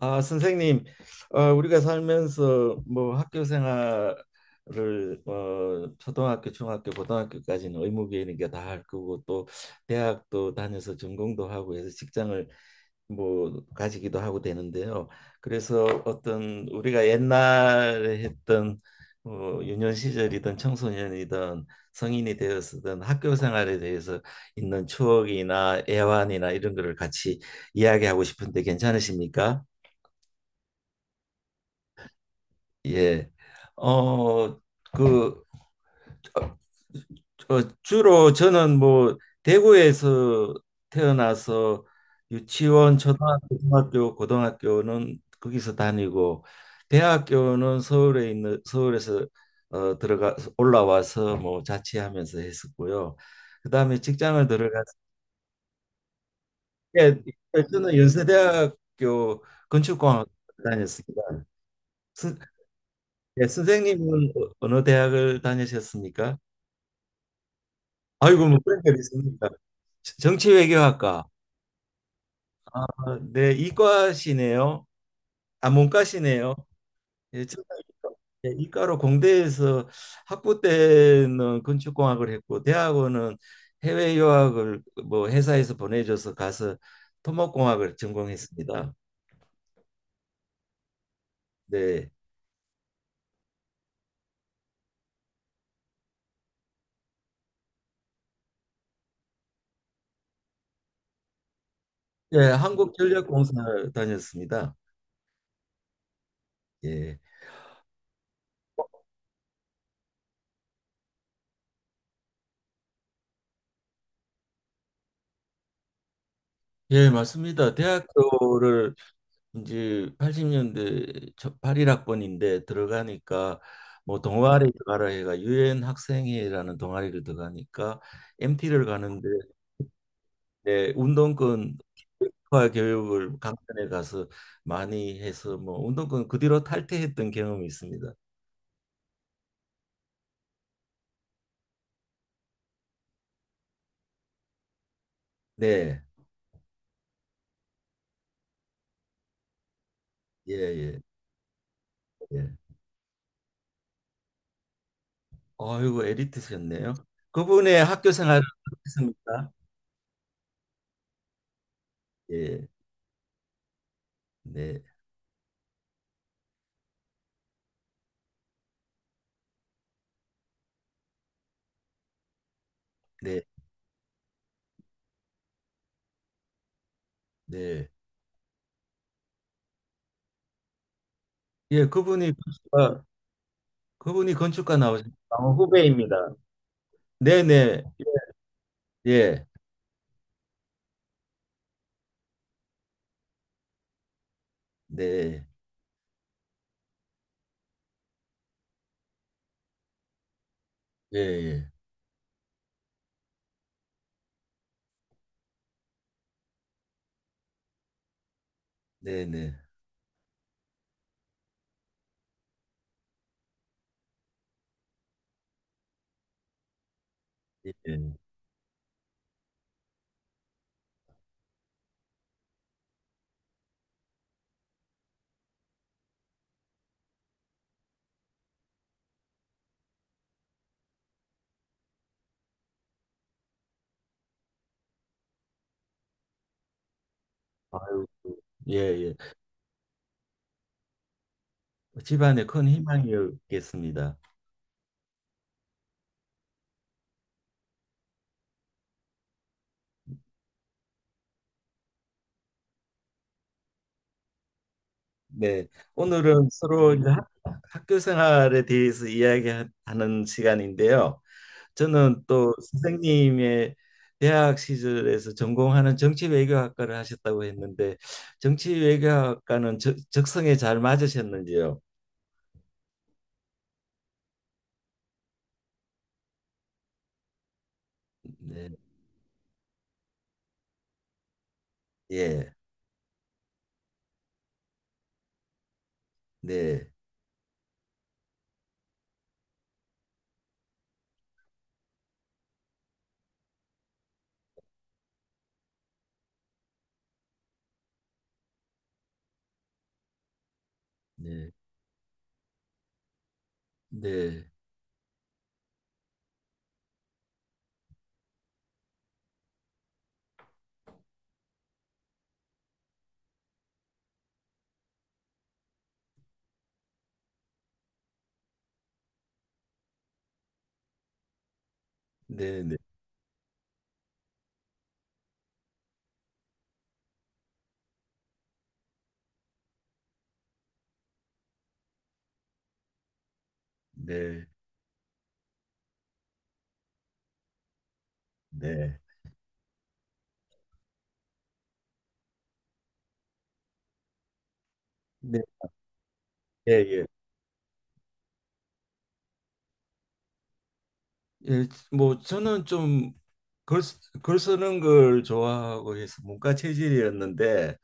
아, 선생님, 우리가 살면서 뭐 학교 생활을 초등학교, 중학교, 고등학교까지는 의무교육이니까 다 할 거고 또 대학도 다녀서 전공도 하고 해서 직장을 뭐 가지기도 하고 되는데요. 그래서 어떤 우리가 옛날에 했던 유년 시절이든 청소년이든 성인이 되었든 학교 생활에 대해서 있는 추억이나 애환이나 이런 거를 같이 이야기하고 싶은데 괜찮으십니까? 예. 어, 그, 어, 주로 저는 뭐, 대구에서 태어나서 유치원, 초등학교, 중학교, 고등학교는 거기서 다니고, 대학교는 서울에 있는, 서울에서 올라와서 뭐 자취하면서 했었고요. 그 다음에 직장을 들어가서, 예, 저는 연세대학교 건축공학 다녔습니다. 선- 예, 선생님은 어느 대학을 다니셨습니까? 아이고, 뭐 그런 게 있습니다. 정치외교학과. 아, 네, 이과시네요. 아, 문과시네요. 예, 저는 예, 이과로 공대에서 학부 때는 건축공학을 했고, 대학원은 해외 유학을 뭐 회사에서 보내줘서 가서 토목공학을 전공했습니다. 네, 예, 한국전력공사 다녔습니다. 예, 예, 맞습니다. 대학교를 이제 80년대 81학번인데 들어가니까 뭐 네. 동아리 들어가라 해가 유엔 학생회라는 동아리를 들어가니까 MT를 가는데 내 운동권 화 교육을 강단에 가서 많이 해서 뭐 운동권 그 뒤로 탈퇴했던 경험이 있습니다. 네. 예, 예, 예. 아이고, 에리트셨네요. 그분의 학교 생활은 어떻습니까? 예. 네. 네. 네. 예, 그분이 건축가 나오셨 후배입니다. 네네. 예. 네. 예, 예. 네네. 예. 아유, 예, 예. 집안에 큰 희망이었겠습니다. 네. 오늘은 서로 이제 학교 생활에 대해서 이야기하는 시간인데요. 저는 또 선생님의 대학 시절에서 전공하는 정치외교학과를 하셨다고 했는데 정치외교학과는 적성에 잘 맞으셨는지요? 네. 예. 네, 네, 네, 네, 네, 네, 네, 네, 네, 예, 예. 예, 뭐 저는 좀글 글글 쓰는 걸 좋아하고 해서 문과 체질이었는데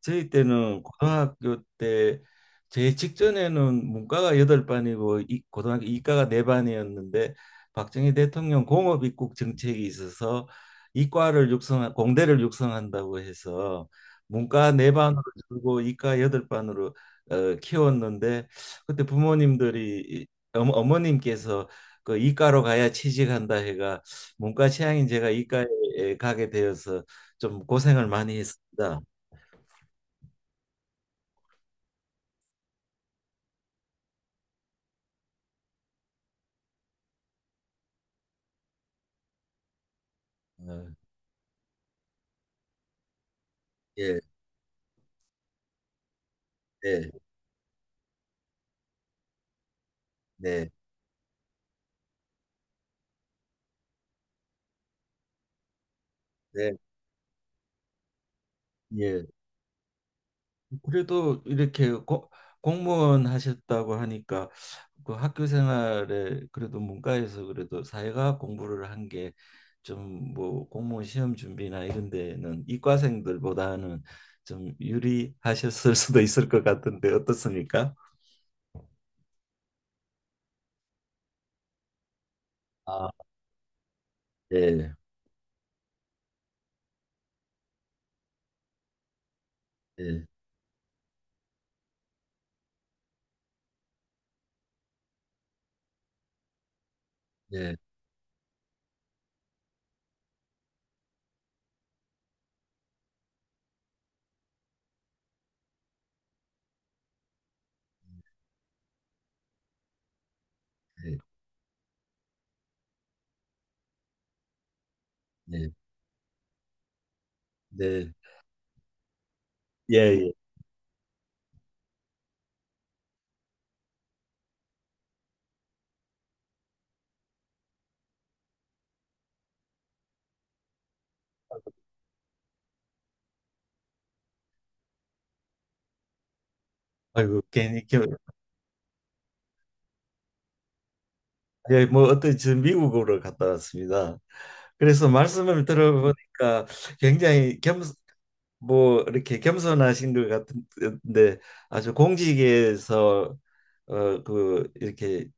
저희 때는 고등학교 때 제 직전에는 문과가 여덟 반이고 이, 고등학교 이과가 네 반이었는데 박정희 대통령 공업 입국 정책이 있어서 이과를 육성 공대를 육성한다고 해서 문과 네 반으로 줄고 이과 여덟 반으로 키웠는데 그때 부모님들이 어머님께서 그 이과로 가야 취직한다 해가 문과 취향인 제가 이과에 가게 되어서 좀 고생을 많이 했습니다. 어, 예, 네, 네, 네, 예. 그래도 이렇게 공무원 하셨다고 하니까 그 학교 생활에 그래도 문과에서 그래도 사회과학 공부를 한 게 좀 뭐 공무원 시험 준비나 이런 데는 이과생들보다는 좀 유리하셨을 수도 있을 것 같은데 어떻습니까? 아, 예, 예, 예. 네, 네, 네. 네, 예, 예. 아이고, 예, 뭐 어떤 저 미국으로 갔다 왔습니다. 그래서 말씀을 들어보니까 굉장히 겸, 뭐 이렇게 겸손하신 것 같은데 아주 공직에서 이렇게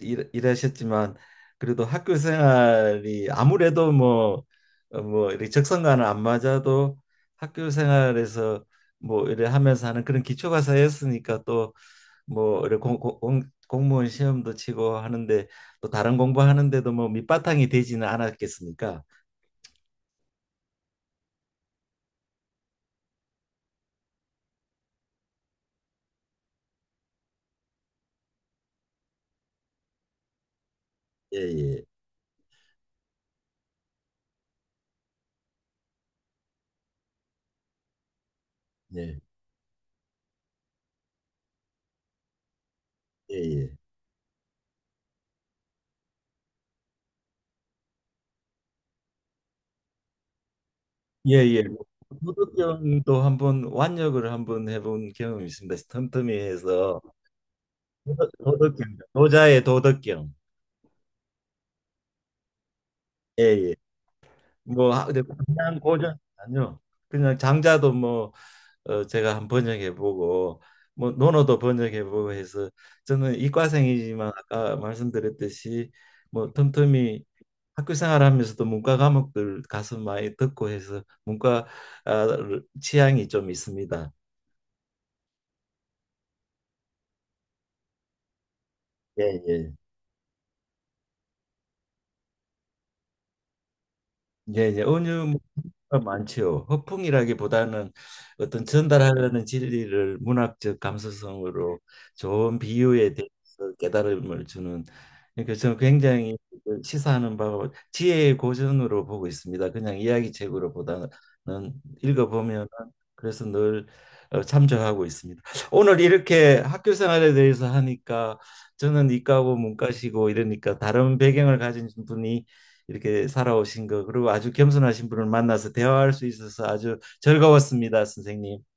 일하셨지만 그래도 학교 생활이 아무래도 뭐 뭐 이렇게 적성과는 안 맞아도 학교 생활에서 뭐 이래 하면서 하는 그런 기초가 쌓였으니까 또뭐 이렇게 공무원 시험도 치고 하는데 또 다른 공부하는데도 뭐 밑바탕이 되지는 않았겠습니까? 예예 예 예예 예예 도덕경도 한번 완역을 한번 해본 경험이 있습니다. 틈틈이해서 도덕경 도자의 도덕경. 예예 뭐 근데 그냥 고전 아니요. 그냥 장자도 뭐 제가 한 번역해보고 뭐 논어도 번역해보고 해서 저는 이과생이지만 아까 말씀드렸듯이 뭐 틈틈이 학교 생활하면서도 문과 과목들 가서 많이 듣고 해서 문과 아, 취향이 좀 있습니다. 예, 예. 예, 예. 은유가 많지요. 허풍이라기보다는 어떤 전달하려는 진리를 문학적 감수성으로 좋은 비유에 대해서 깨달음을 주는. 그러니까 저는 굉장히 그 시사하는 바와 지혜의 고전으로 보고 있습니다. 그냥 이야기책으로 보다는 읽어보면. 그래서 늘 참조하고 있습니다. 오늘 이렇게 학교 생활에 대해서 하니까 저는 이과고 문과시고 이러니까 다른 배경을 가진 분이 이렇게 살아오신 거 그리고 아주 겸손하신 분을 만나서 대화할 수 있어서 아주 즐거웠습니다, 선생님.